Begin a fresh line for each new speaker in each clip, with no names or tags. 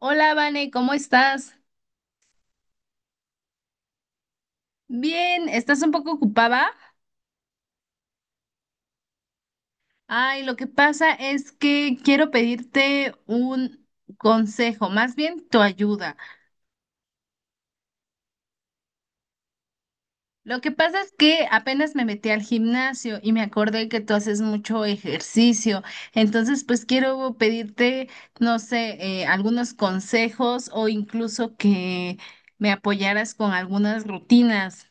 Hola, Vane, ¿cómo estás? Bien, ¿estás un poco ocupada? Ay, lo que pasa es que quiero pedirte un consejo, más bien tu ayuda. Lo que pasa es que apenas me metí al gimnasio y me acordé que tú haces mucho ejercicio, entonces pues quiero pedirte, no sé, algunos consejos o incluso que me apoyaras con algunas rutinas.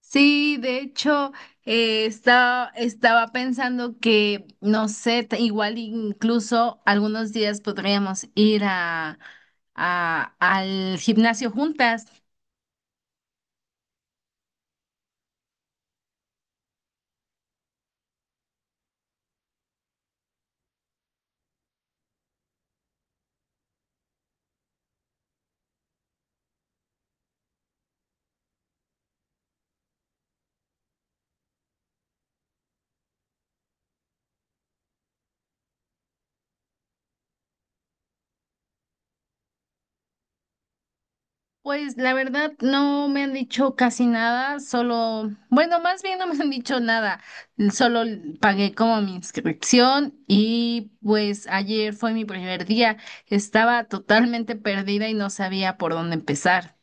Sí, de hecho, estaba pensando que, no sé, igual incluso algunos días podríamos ir al gimnasio juntas. Pues la verdad no me han dicho casi nada, solo, bueno, más bien no me han dicho nada, solo pagué como mi inscripción y pues ayer fue mi primer día, estaba totalmente perdida y no sabía por dónde empezar.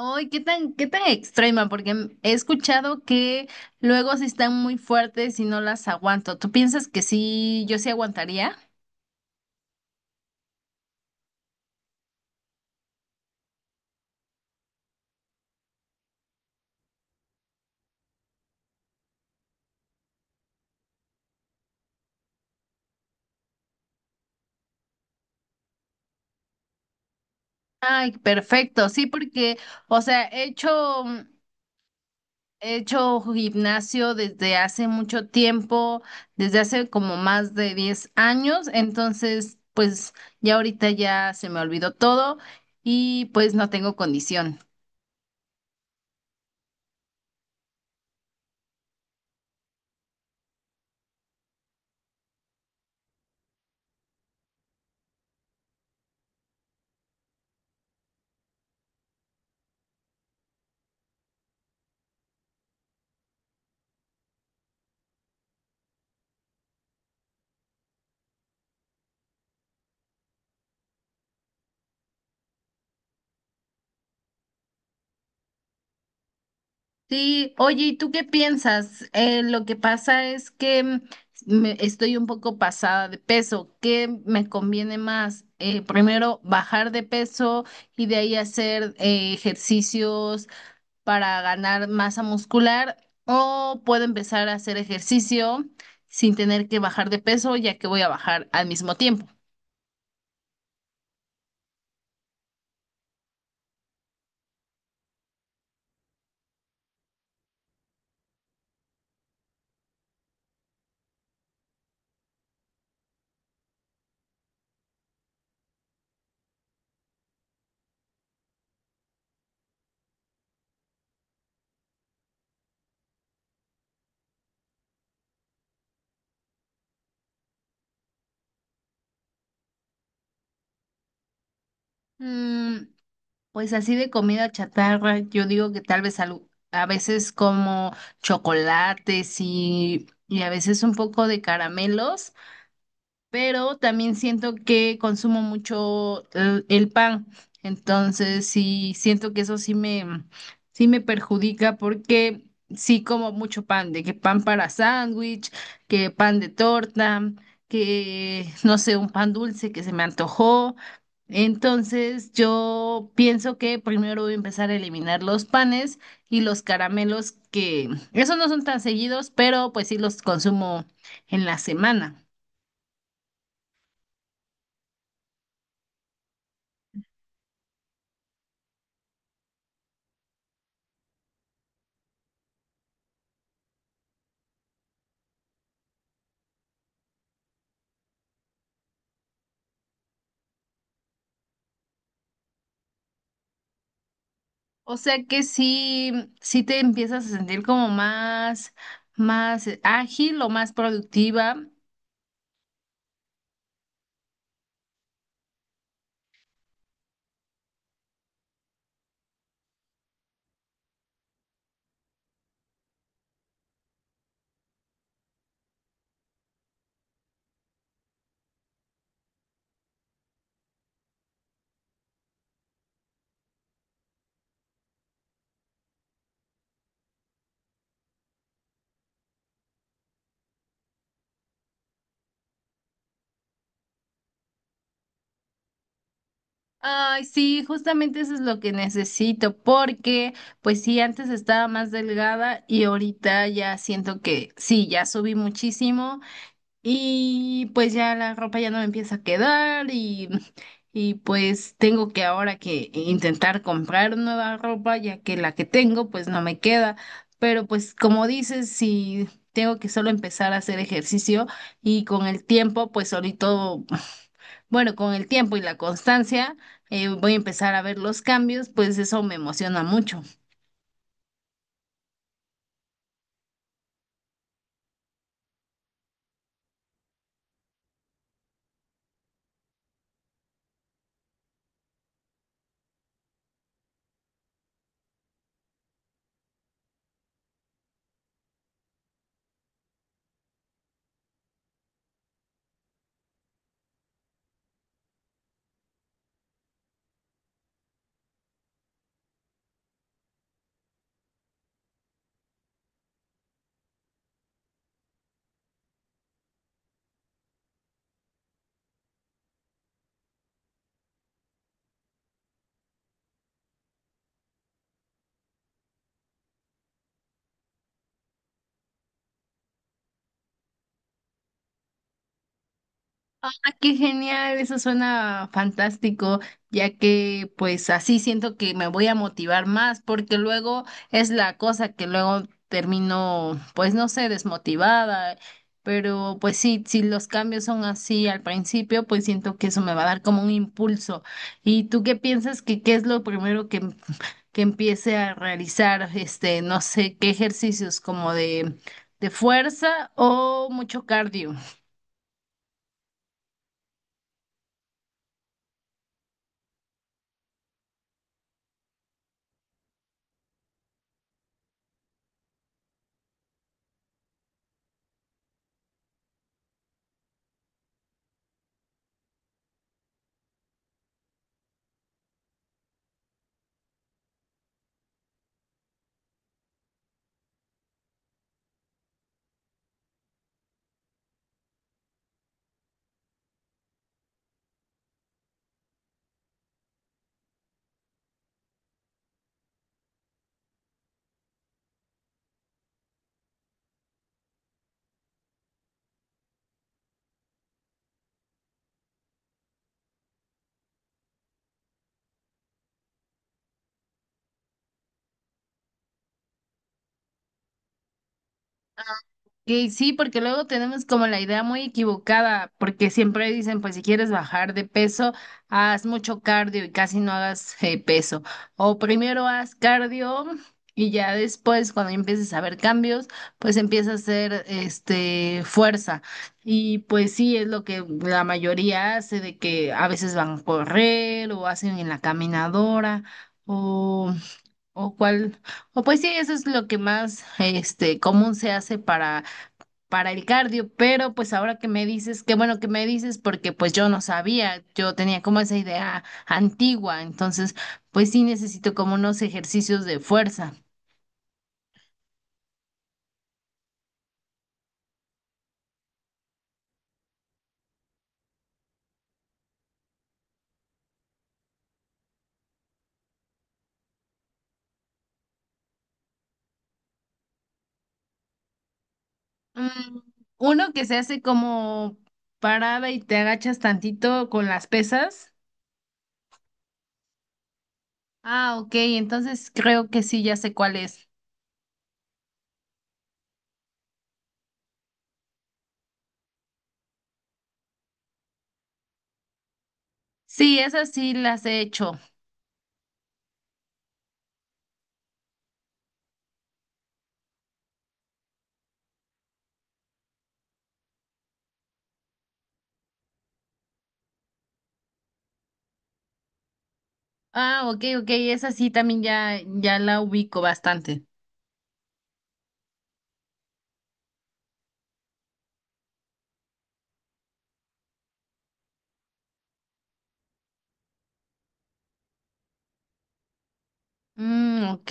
Ay, qué tan extrema, porque he escuchado que luego sí están muy fuertes y no las aguanto. ¿Tú piensas que sí, yo sí aguantaría? Ay, perfecto, sí, porque, o sea, he hecho gimnasio desde hace mucho tiempo, desde hace como más de 10 años, entonces, pues ya ahorita ya se me olvidó todo y pues no tengo condición. Sí, oye, ¿y tú qué piensas? Lo que pasa es que estoy un poco pasada de peso. ¿Qué me conviene más? Primero bajar de peso y de ahí hacer ejercicios para ganar masa muscular o puedo empezar a hacer ejercicio sin tener que bajar de peso ya que voy a bajar al mismo tiempo. Mm, Pues así de comida chatarra, yo digo que tal vez a veces como chocolates y a veces un poco de caramelos, pero también siento que consumo mucho el pan, entonces sí siento que sí me perjudica porque sí como mucho pan, de que pan para sándwich, que pan de torta, que no sé, un pan dulce que se me antojó. Entonces yo pienso que primero voy a empezar a eliminar los panes y los caramelos, que esos no son tan seguidos, pero pues sí los consumo en la semana. O sea que sí, sí te empiezas a sentir como más, más ágil o más productiva. Ay, sí, justamente eso es lo que necesito, porque pues sí, antes estaba más delgada y ahorita ya siento que sí, ya subí muchísimo. Y pues ya la ropa ya no me empieza a quedar, y pues tengo que ahora que intentar comprar nueva ropa ya que la que tengo pues no me queda. Pero pues como dices, si tengo que solo empezar a hacer ejercicio y con el tiempo pues solito, bueno, con el tiempo y la constancia, voy a empezar a ver los cambios, pues eso me emociona mucho. Ah, qué genial, eso suena fantástico, ya que pues así siento que me voy a motivar más, porque luego es la cosa que luego termino, pues no sé, desmotivada, pero pues sí, si los cambios son así al principio, pues siento que eso me va a dar como un impulso. ¿Y tú qué piensas que qué es lo primero que empiece a realizar, este, no sé, qué ejercicios como de fuerza o mucho cardio? Que sí, porque luego tenemos como la idea muy equivocada, porque siempre dicen, pues si quieres bajar de peso, haz mucho cardio y casi no hagas peso. O primero haz cardio y ya después, cuando empieces a ver cambios, pues empieza a hacer este fuerza. Y pues sí, es lo que la mayoría hace, de que a veces van a correr o hacen en la caminadora o, o cuál o pues sí, eso es lo que más este común se hace para el cardio, pero pues ahora que me dices, qué bueno que me dices, porque pues yo no sabía, yo tenía como esa idea antigua, entonces pues sí necesito como unos ejercicios de fuerza. Mm, uno que se hace como parada y te agachas tantito con las pesas. Ah, ok, entonces creo que sí, ya sé cuál es. Sí, esas sí las he hecho. Ah, ok, ok, esa sí también ya, ya la ubico bastante. Mm, ok.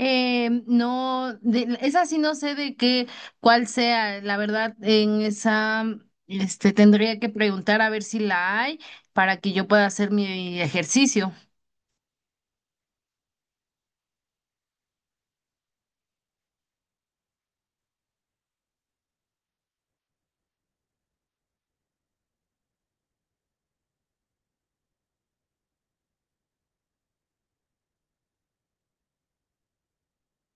No, esa sí no sé de qué, cuál sea, la verdad, en esa, este, tendría que preguntar a ver si la hay para que yo pueda hacer mi ejercicio.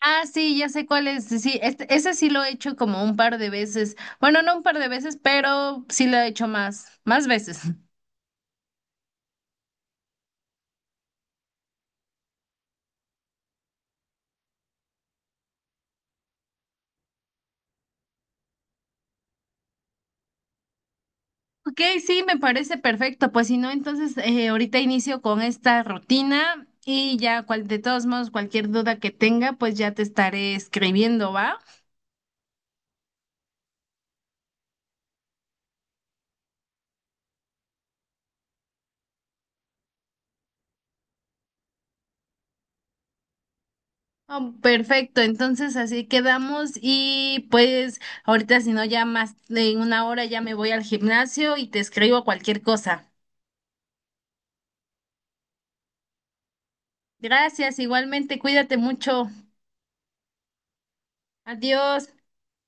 Ah, sí, ya sé cuál es, sí, este, ese sí lo he hecho como un par de veces, bueno, no un par de veces, pero sí lo he hecho más, más veces. Ok, sí, me parece perfecto. Pues si no, entonces ahorita inicio con esta rutina y ya cual, de todos modos, cualquier duda que tenga, pues ya te estaré escribiendo, ¿va? Ah, perfecto, entonces así quedamos y pues ahorita si no ya más de 1 hora ya me voy al gimnasio y te escribo cualquier cosa. Gracias, igualmente, cuídate mucho. Adiós.